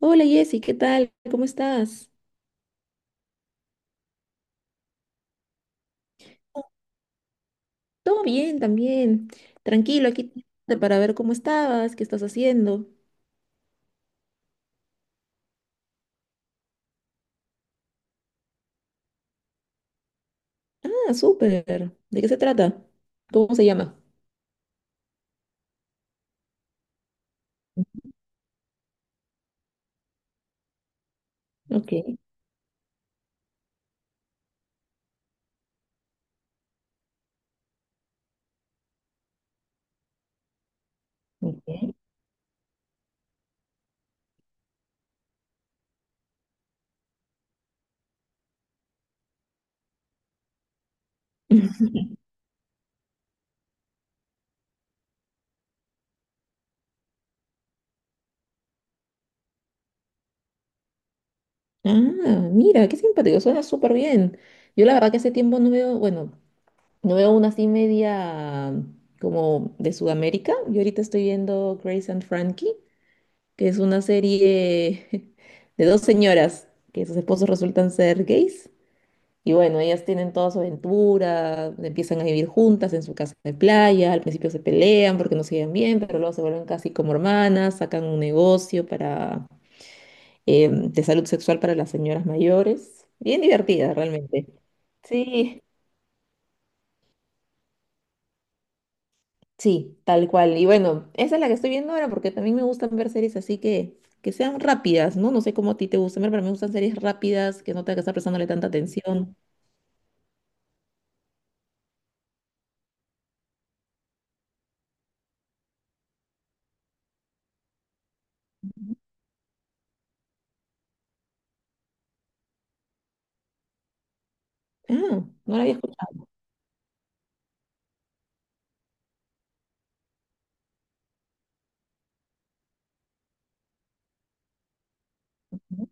Hola Jessy, ¿qué tal? ¿Cómo estás? Todo bien también. Tranquilo, aquí para ver cómo estabas, qué estás haciendo. Ah, súper. ¿De qué se trata? ¿Cómo se llama? Ok, ok. Ah, mira, qué simpático, suena súper bien. Yo la verdad que hace tiempo no veo, bueno, no veo una así media como de Sudamérica. Yo ahorita estoy viendo Grace and Frankie, que es una serie de dos señoras que sus esposos resultan ser gays. Y bueno, ellas tienen toda su aventura, empiezan a vivir juntas en su casa de playa, al principio se pelean porque no se llevan bien, pero luego se vuelven casi como hermanas, sacan un negocio para, de salud sexual para las señoras mayores. Bien divertida realmente. Sí, sí, tal cual. Y bueno, esa es la que estoy viendo ahora porque también me gustan ver series así que sean rápidas, ¿no? No sé cómo a ti te gustan ver, pero me gustan series rápidas, que no tenga que estar prestándole tanta atención. Ah, no la había escuchado. ¿No?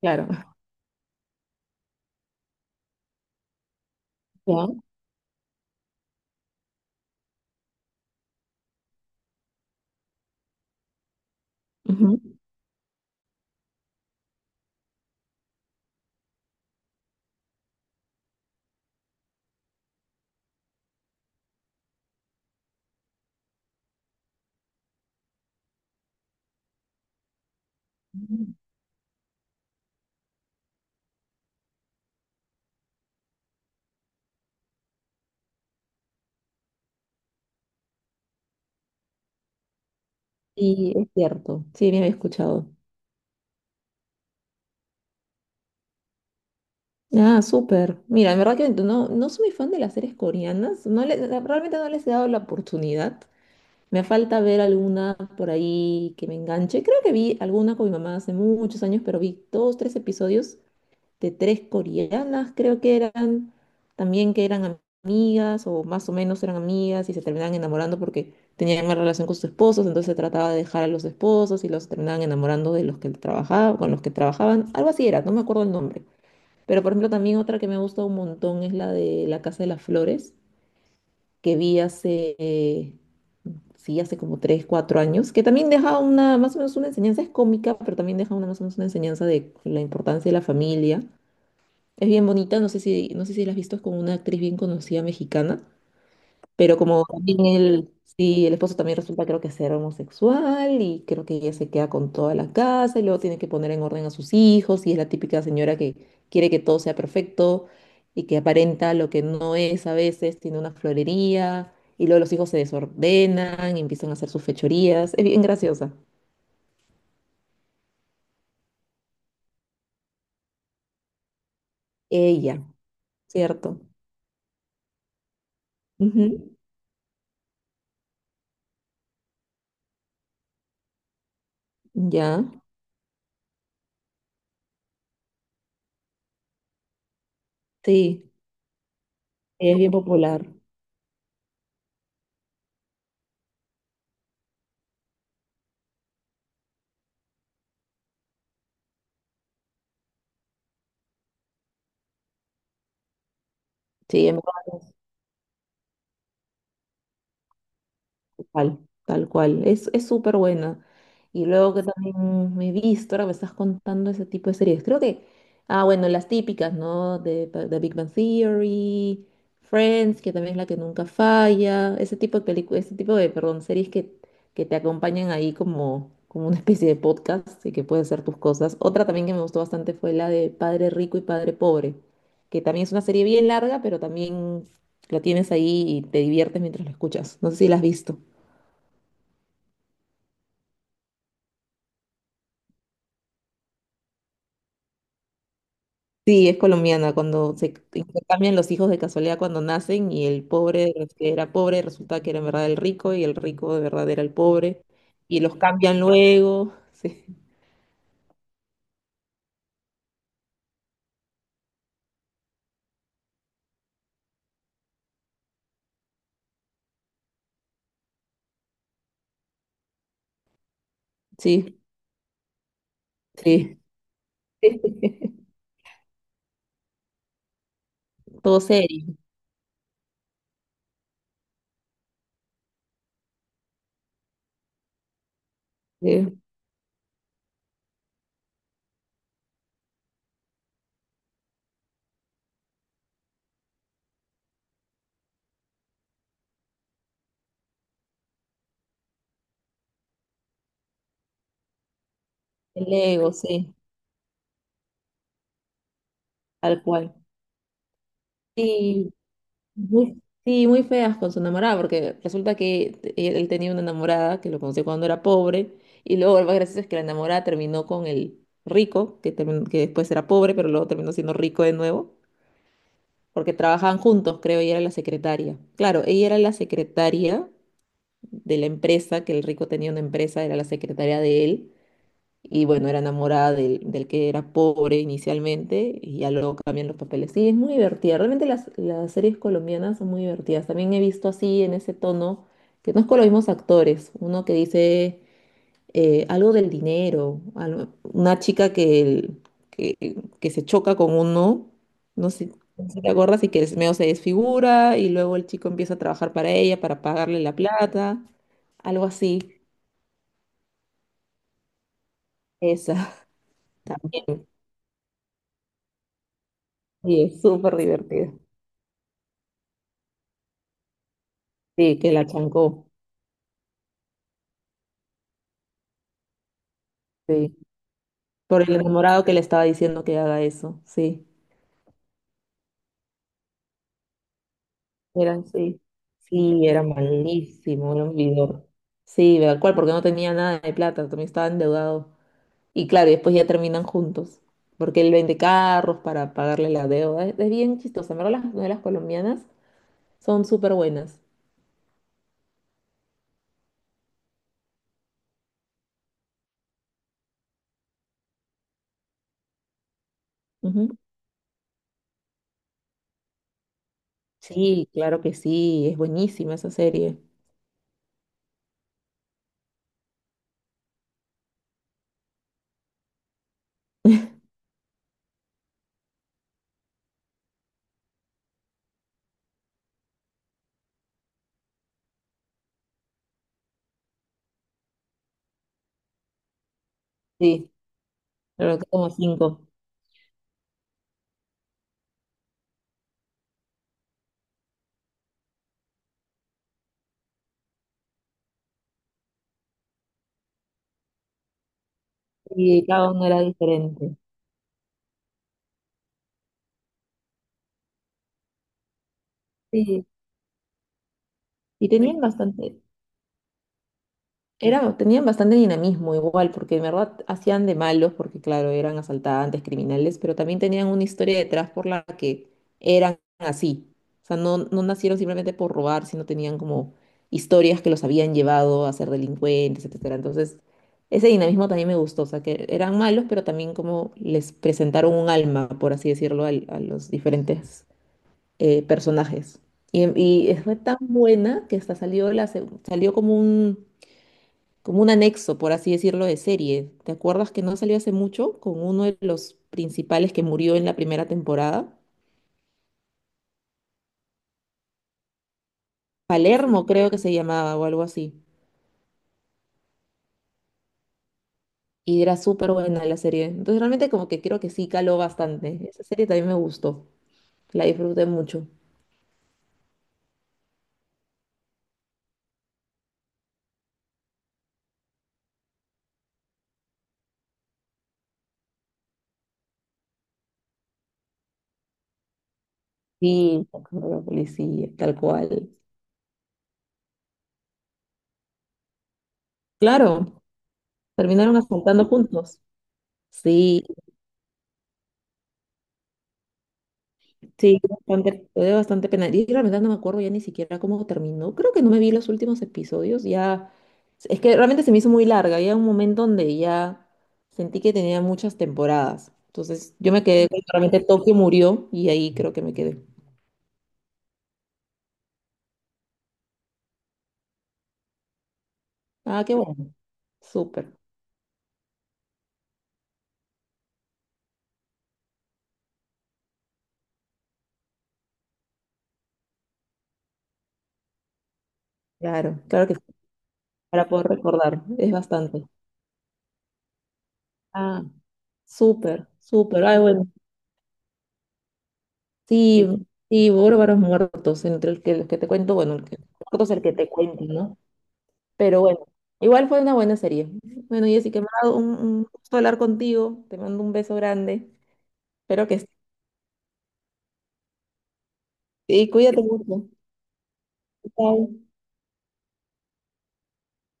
Claro. Ya. Ujú. Sí, es cierto. Sí, me había escuchado. Ah, súper. Mira, en verdad que no, no soy muy fan de las series coreanas. Realmente no les he dado la oportunidad. Me falta ver alguna por ahí que me enganche. Creo que vi alguna con mi mamá hace muchos años, pero vi dos, tres episodios de tres coreanas, creo que eran, también que eran amigas o más o menos eran amigas y se terminaban enamorando porque tenían una relación con sus esposos, entonces se trataba de dejar a los esposos y los terminaban enamorando de los que trabajaba, con los que trabajaban, algo así era, no me acuerdo el nombre. Pero por ejemplo también otra que me gusta un montón es la de La Casa de las Flores, que vi hace, sí, hace como 3 4 años, que también deja una, más o menos una enseñanza, es cómica, pero también deja una, más o menos una enseñanza de la importancia de la familia, es bien bonita, no sé si, no sé si la has visto, es con una actriz bien conocida mexicana, pero como también él, sí, el esposo también resulta creo que ser homosexual y creo que ella se queda con toda la casa y luego tiene que poner en orden a sus hijos y es la típica señora que quiere que todo sea perfecto y que aparenta lo que no es a veces, tiene una florería y luego los hijos se desordenan y empiezan a hacer sus fechorías, es bien graciosa. Ella, ¿cierto? Ujú. Ya, sí, es bien popular. Sí, en verdad. Tal, tal cual. Es súper buena. Y luego que también me he visto, ahora me estás contando ese tipo de series. Creo que, ah, bueno, las típicas, ¿no? De Big Bang Theory, Friends, que también es la que nunca falla. Ese tipo de películas, ese tipo de, perdón, series que te acompañan ahí como, como una especie de podcast y que puedes hacer tus cosas. Otra también que me gustó bastante fue la de Padre Rico y Padre Pobre, que también es una serie bien larga, pero también lo tienes ahí y te diviertes mientras lo escuchas. No sé si la has visto. Sí, es colombiana, cuando se intercambian los hijos de casualidad cuando nacen y el pobre que era pobre resulta que era en verdad el rico y el rico de verdad era el pobre y los cambian luego. Sí, sí, sí. Todo serio. Sí. El ego, sí, tal cual. Sí, muy- sí, muy feas con su enamorada, porque resulta que él tenía una enamorada que lo conoció cuando era pobre, y luego lo más gracioso es que la enamorada terminó con el rico, que después era pobre, pero luego terminó siendo rico de nuevo, porque trabajaban juntos, creo, y era la secretaria. Claro, ella era la secretaria de la empresa, que el rico tenía una empresa, era la secretaria de él, y bueno, era enamorada del, del que era pobre inicialmente y ya luego cambian los papeles. Sí, es muy divertida. Realmente las series colombianas son muy divertidas. También he visto así en ese tono, que no es con los mismos actores. Uno que dice algo del dinero, una chica que, que se choca con uno, no sé, no sé si te acuerdas, y que medio se desfigura y luego el chico empieza a trabajar para ella, para pagarle la plata, algo así. Esa también. Sí, es súper divertida. Sí, que la chancó, sí. Por el enamorado que le estaba diciendo que haga eso, sí. Era, sí. Sí, era malísimo, era un vividor. Sí, ¿verdad? ¿Cuál? Porque no tenía nada de plata, también estaba endeudado. Y claro, y después ya terminan juntos, porque él vende carros para pagarle la deuda. Es bien chistoso, en verdad las novelas colombianas son súper buenas. Ujú. Sí, claro que sí, es buenísima esa serie. Sí, pero como cinco. Y cada uno era diferente. Sí, y tenían bastante. Era, tenían bastante dinamismo igual, porque de verdad hacían de malos, porque claro, eran asaltantes, criminales, pero también tenían una historia detrás por la que eran así. O sea, no, no nacieron simplemente por robar, sino tenían como historias que los habían llevado a ser delincuentes, etcétera. Entonces, ese dinamismo también me gustó, o sea, que eran malos, pero también como les presentaron un alma, por así decirlo, a los diferentes personajes. Y, y fue tan buena que hasta salió, salió como un, como un anexo, por así decirlo, de serie. ¿Te acuerdas que no salió hace mucho con uno de los principales que murió en la primera temporada? Palermo creo que se llamaba o algo así. Y era súper buena la serie. Entonces realmente como que creo que sí caló bastante. Esa serie también me gustó. La disfruté mucho. Sí, como la policía, tal cual. Claro, terminaron asaltando juntos. Sí. Sí, bastante, lo bastante penal. Y realmente no me acuerdo ya ni siquiera cómo terminó. Creo que no me vi los últimos episodios. Ya, es que realmente se me hizo muy larga. Había un momento donde ya sentí que tenía muchas temporadas. Entonces yo me quedé cuando realmente Tokio murió y ahí creo que me quedé. Ah, qué bueno. Súper. Claro, claro que sí. Para poder recordar. Es bastante. Ah, súper, súper. Ay, bueno. Sí, sí, bárbaros muertos. Entre el que, los que te cuento, bueno, el que muertos el que te cuento, ¿no? Pero bueno, igual fue una buena serie. Bueno, Jessica, me ha dado un gusto hablar contigo. Te mando un beso grande. Espero que sí. Y cuídate mucho. Chao.